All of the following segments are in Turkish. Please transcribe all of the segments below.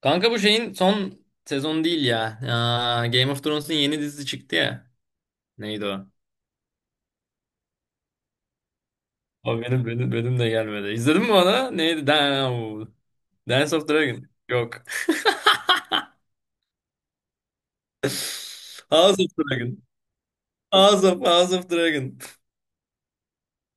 Kanka bu şeyin son sezon değil ya. Aa, Game of Thrones'un yeni dizisi çıktı ya. Neydi o? O benim de gelmedi. İzledin mi onu? Neydi? Damn. Dance of Dragon. Yok. House of Dragon. House of Dragon.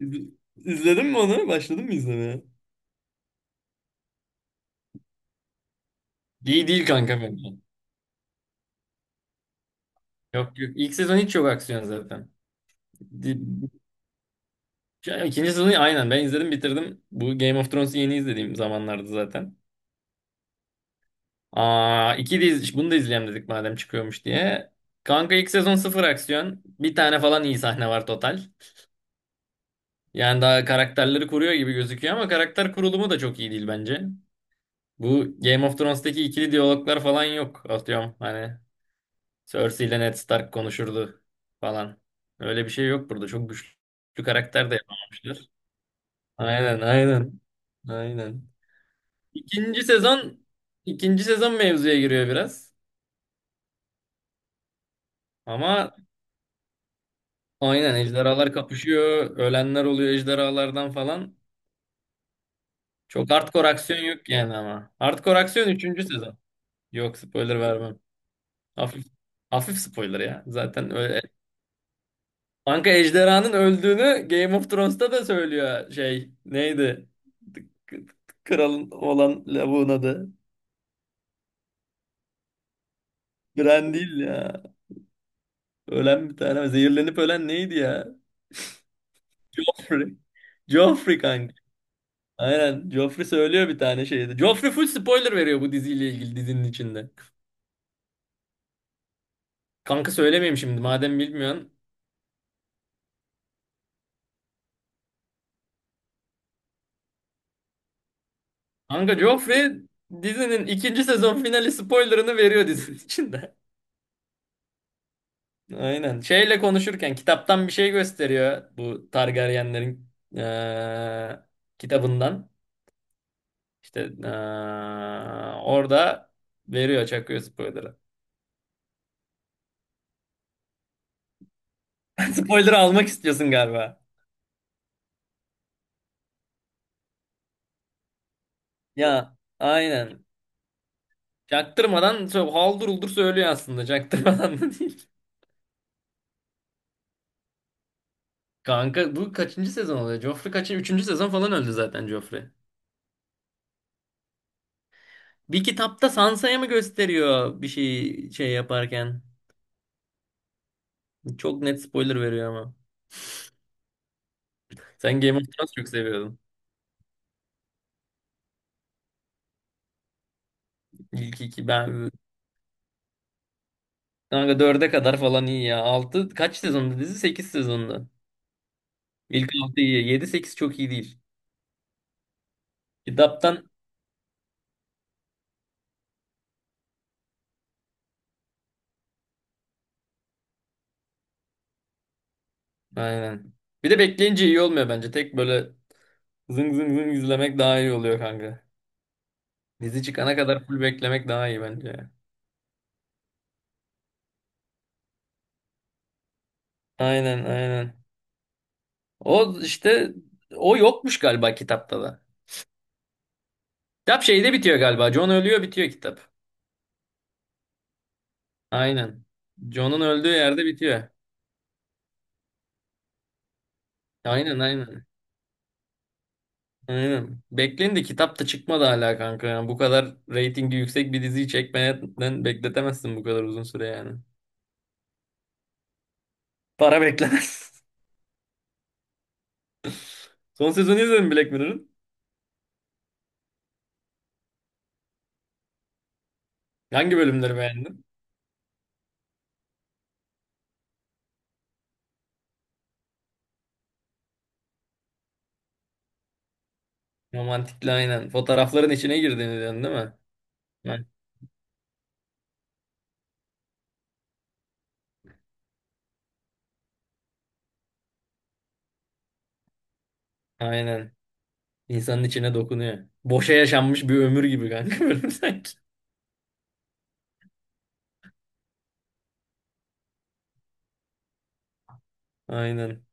İz- İzledin mi onu? Başladın mı izlemeye? İyi değil kanka bence. Yok yok. İlk sezon hiç yok aksiyon zaten. Di- Ya, İkinci sezonu aynen ben izledim bitirdim. Bu Game of Thrones'u yeni izlediğim zamanlarda zaten. Aa, iki de bunu da izleyelim dedik madem çıkıyormuş diye. Kanka ilk sezon sıfır aksiyon. Bir tane falan iyi sahne var total. Yani daha karakterleri kuruyor gibi gözüküyor ama karakter kurulumu da çok iyi değil bence. Bu Game of Thrones'taki ikili diyaloglar falan yok. Atıyorum hani Cersei ile Ned Stark konuşurdu falan. Öyle bir şey yok burada. Çok güçlü karakter de yapamamışlar. Aynen, aynen. Aynen. İkinci sezon ikinci sezon mevzuya giriyor biraz. Ama aynen ejderhalar kapışıyor. Ölenler oluyor ejderhalardan falan. Çok hardcore aksiyon yok yani ama. Hardcore aksiyon üçüncü sezon. Yok, spoiler vermem. Hafif hafif spoiler ya. Zaten öyle. Kanka ejderhanın öldüğünü Game of Thrones'ta da söylüyor şey. Neydi? K- Kralın olan lavuğun adı. Bran değil ya. Ölen bir tane. Zehirlenip ölen neydi ya? Joffrey. Joffrey kanka. Aynen. Joffrey söylüyor bir tane şeyde. Joffrey full spoiler veriyor bu diziyle ilgili, dizinin içinde. Kanka söylemeyeyim şimdi madem bilmiyorsun. Kanka Joffrey dizinin ikinci sezon finali spoilerını veriyor dizinin içinde. Aynen. Şeyle konuşurken kitaptan bir şey gösteriyor, bu Targaryenlerin eee, kitabından. İşte orada veriyor, çakıyor spoiler'ı. Spoiler'ı almak istiyorsun galiba. Ya aynen. Çaktırmadan haldır uldur söylüyor aslında. Çaktırmadan da değil. Kanka bu kaçıncı sezon oluyor? Joffrey kaçıncı? Üçüncü sezon falan öldü zaten Joffrey. Bir kitapta Sansa'ya mı gösteriyor, bir şey yaparken? Çok net spoiler veriyor ama. Sen Game of Thrones çok seviyordun. İlk iki ben kanka dörde kadar falan iyi ya. Altı kaç sezonda dizi? Sekiz sezonda. İlk altı iyi. Yedi sekiz çok iyi değil. Kitaptan aynen. Bir de bekleyince iyi olmuyor bence. Tek böyle zıng zıng zıng izlemek daha iyi oluyor kanka. Dizi çıkana kadar full beklemek daha iyi bence. Aynen, aynen. O işte, o yokmuş galiba kitapta da. Kitap şeyde bitiyor galiba. John ölüyor, bitiyor kitap. Aynen. John'un öldüğü yerde bitiyor. Aynen, aynen. Aynen. Bekleyin de kitap da çıkmadı hala kanka. Yani bu kadar reytingi yüksek bir diziyi çekmeden bekletemezsin bu kadar uzun süre yani. Para beklemez. Son sezonu izledin mi Black Mirror'ın? Hangi bölümleri beğendin? Romantikli aynen. Fotoğrafların içine girdiğini diyorsun değil mi? Ha, aynen. İnsanın içine dokunuyor. Boşa yaşanmış bir ömür gibi kanka bölüm sanki. Aynen.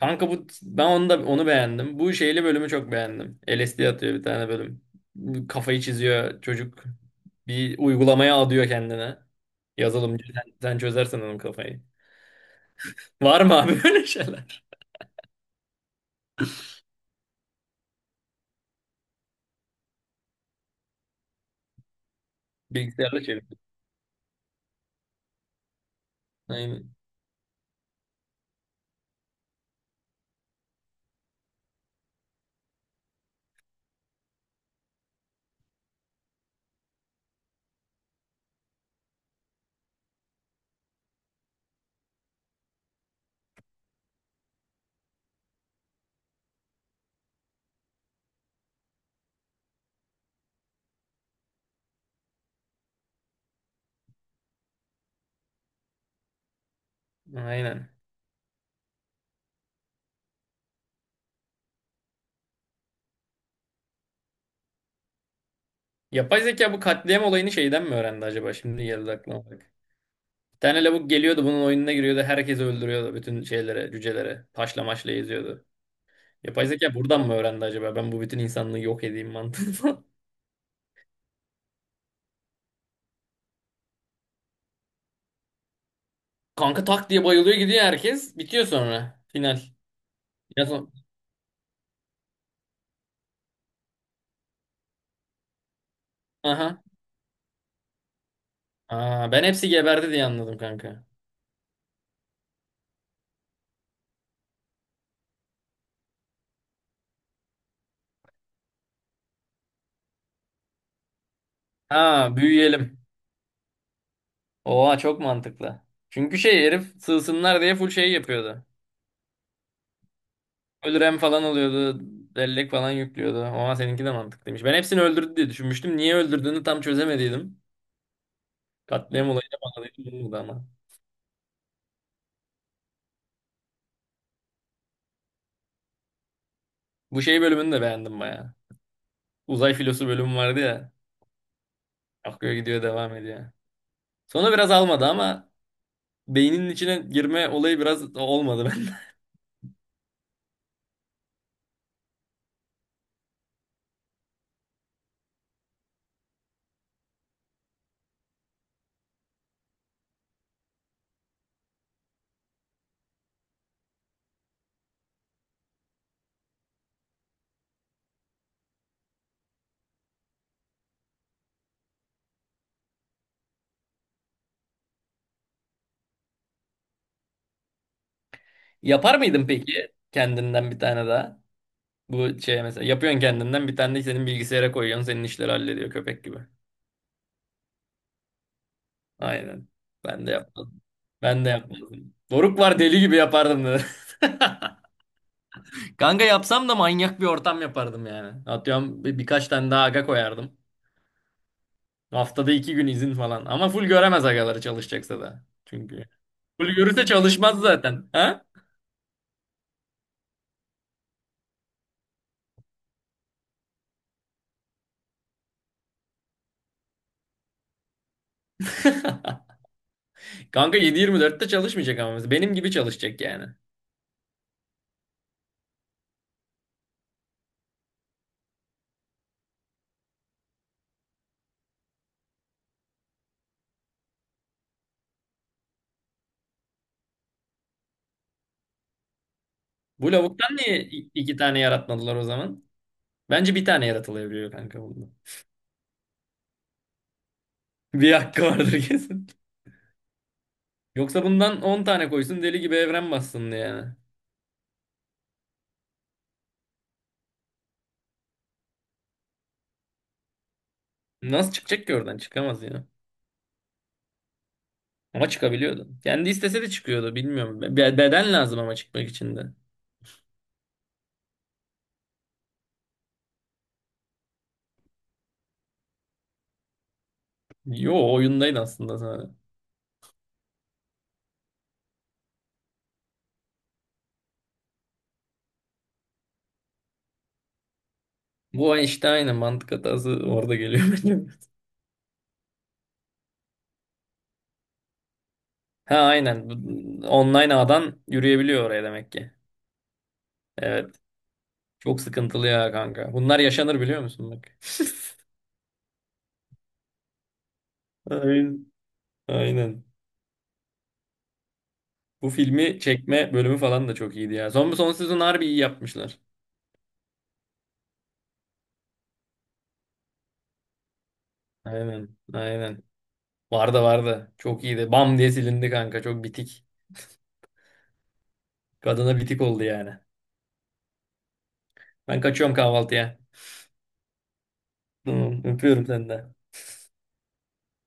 Kanka bu ben, onu da onu beğendim. Bu şeyli bölümü çok beğendim. LSD atıyor bir tane bölüm. Kafayı çiziyor çocuk. Bir uygulamaya adıyor kendine. Yazılımcı sen, sen çözersen onun kafayı. Var mı abi böyle şeyler? Bilgisayarla çeviriyor. Aynen. Aynen. Yapay zeka bu katliam olayını şeyden mi öğrendi acaba? Şimdi geldi aklıma bak. Bir tane lavuk geliyordu, bunun oyununa giriyordu. Herkesi öldürüyordu, bütün şeylere, cücelere. Taşla maşla eziyordu. Yapay zeka buradan mı öğrendi acaba? Ben bu bütün insanlığı yok edeyim mantığını. Kanka tak diye bayılıyor gidiyor herkes. Bitiyor sonra. Final. Ya son... Aha. Aa, ben hepsi geberdi diye anladım kanka. Ha, büyüyelim. Oha çok mantıklı. Çünkü şey, herif sığsınlar diye full şey yapıyordu. Full RAM falan alıyordu. Bellek falan yüklüyordu. Oha, seninki de mantıklıymış. Ben hepsini öldürdü diye düşünmüştüm. Niye öldürdüğünü tam çözemediydim. Katliam olayına bağladığım bu oldu ama. Bu şey bölümünü de beğendim baya. Uzay filosu bölümü vardı ya. Akıyor gidiyor, devam ediyor. Sonra biraz almadı ama, beyninin içine girme olayı biraz olmadı ben. Yapar mıydın peki kendinden bir tane daha? Bu şey, mesela yapıyorsun kendinden bir tane de senin bilgisayara koyuyorsun, senin işleri hallediyor köpek gibi. Aynen. Ben de yapmadım. Ben de yapmadım. Doruk var, deli gibi yapardım dedi. Kanka yapsam da manyak bir ortam yapardım yani. Atıyorum birkaç tane daha aga koyardım. Haftada 2 gün izin falan. Ama full göremez agaları, çalışacaksa da. Çünkü. Full görürse çalışmaz zaten. Ha? Kanka 7-24'te çalışmayacak ama, mesela. Benim gibi çalışacak yani. Bu lavuktan niye iki tane yaratmadılar o zaman? Bence bir tane yaratılabiliyor kanka bunda. Bir hakkı vardır kesin. Yoksa bundan 10 tane koysun, deli gibi evren bassın yani. Nasıl çıkacak ki oradan? Çıkamaz ya. Ama çıkabiliyordu. Kendi istese de çıkıyordu. Bilmiyorum. Beden lazım ama çıkmak için de. Yo, oyundaydı aslında sadece. Bu işte aynen mantık hatası orada geliyor bence. Ha aynen. Online ağdan yürüyebiliyor oraya demek ki. Evet. Çok sıkıntılı ya kanka. Bunlar yaşanır biliyor musun bak. Aynen. Aynen. Bu filmi çekme bölümü falan da çok iyiydi ya. Son sezon harbi iyi yapmışlar. Aynen. Aynen. Vardı, vardı. Çok iyiydi. Bam diye silindi kanka. Çok bitik. Kadına bitik oldu yani. Ben kaçıyorum kahvaltıya. Tamam. Öpüyorum senden.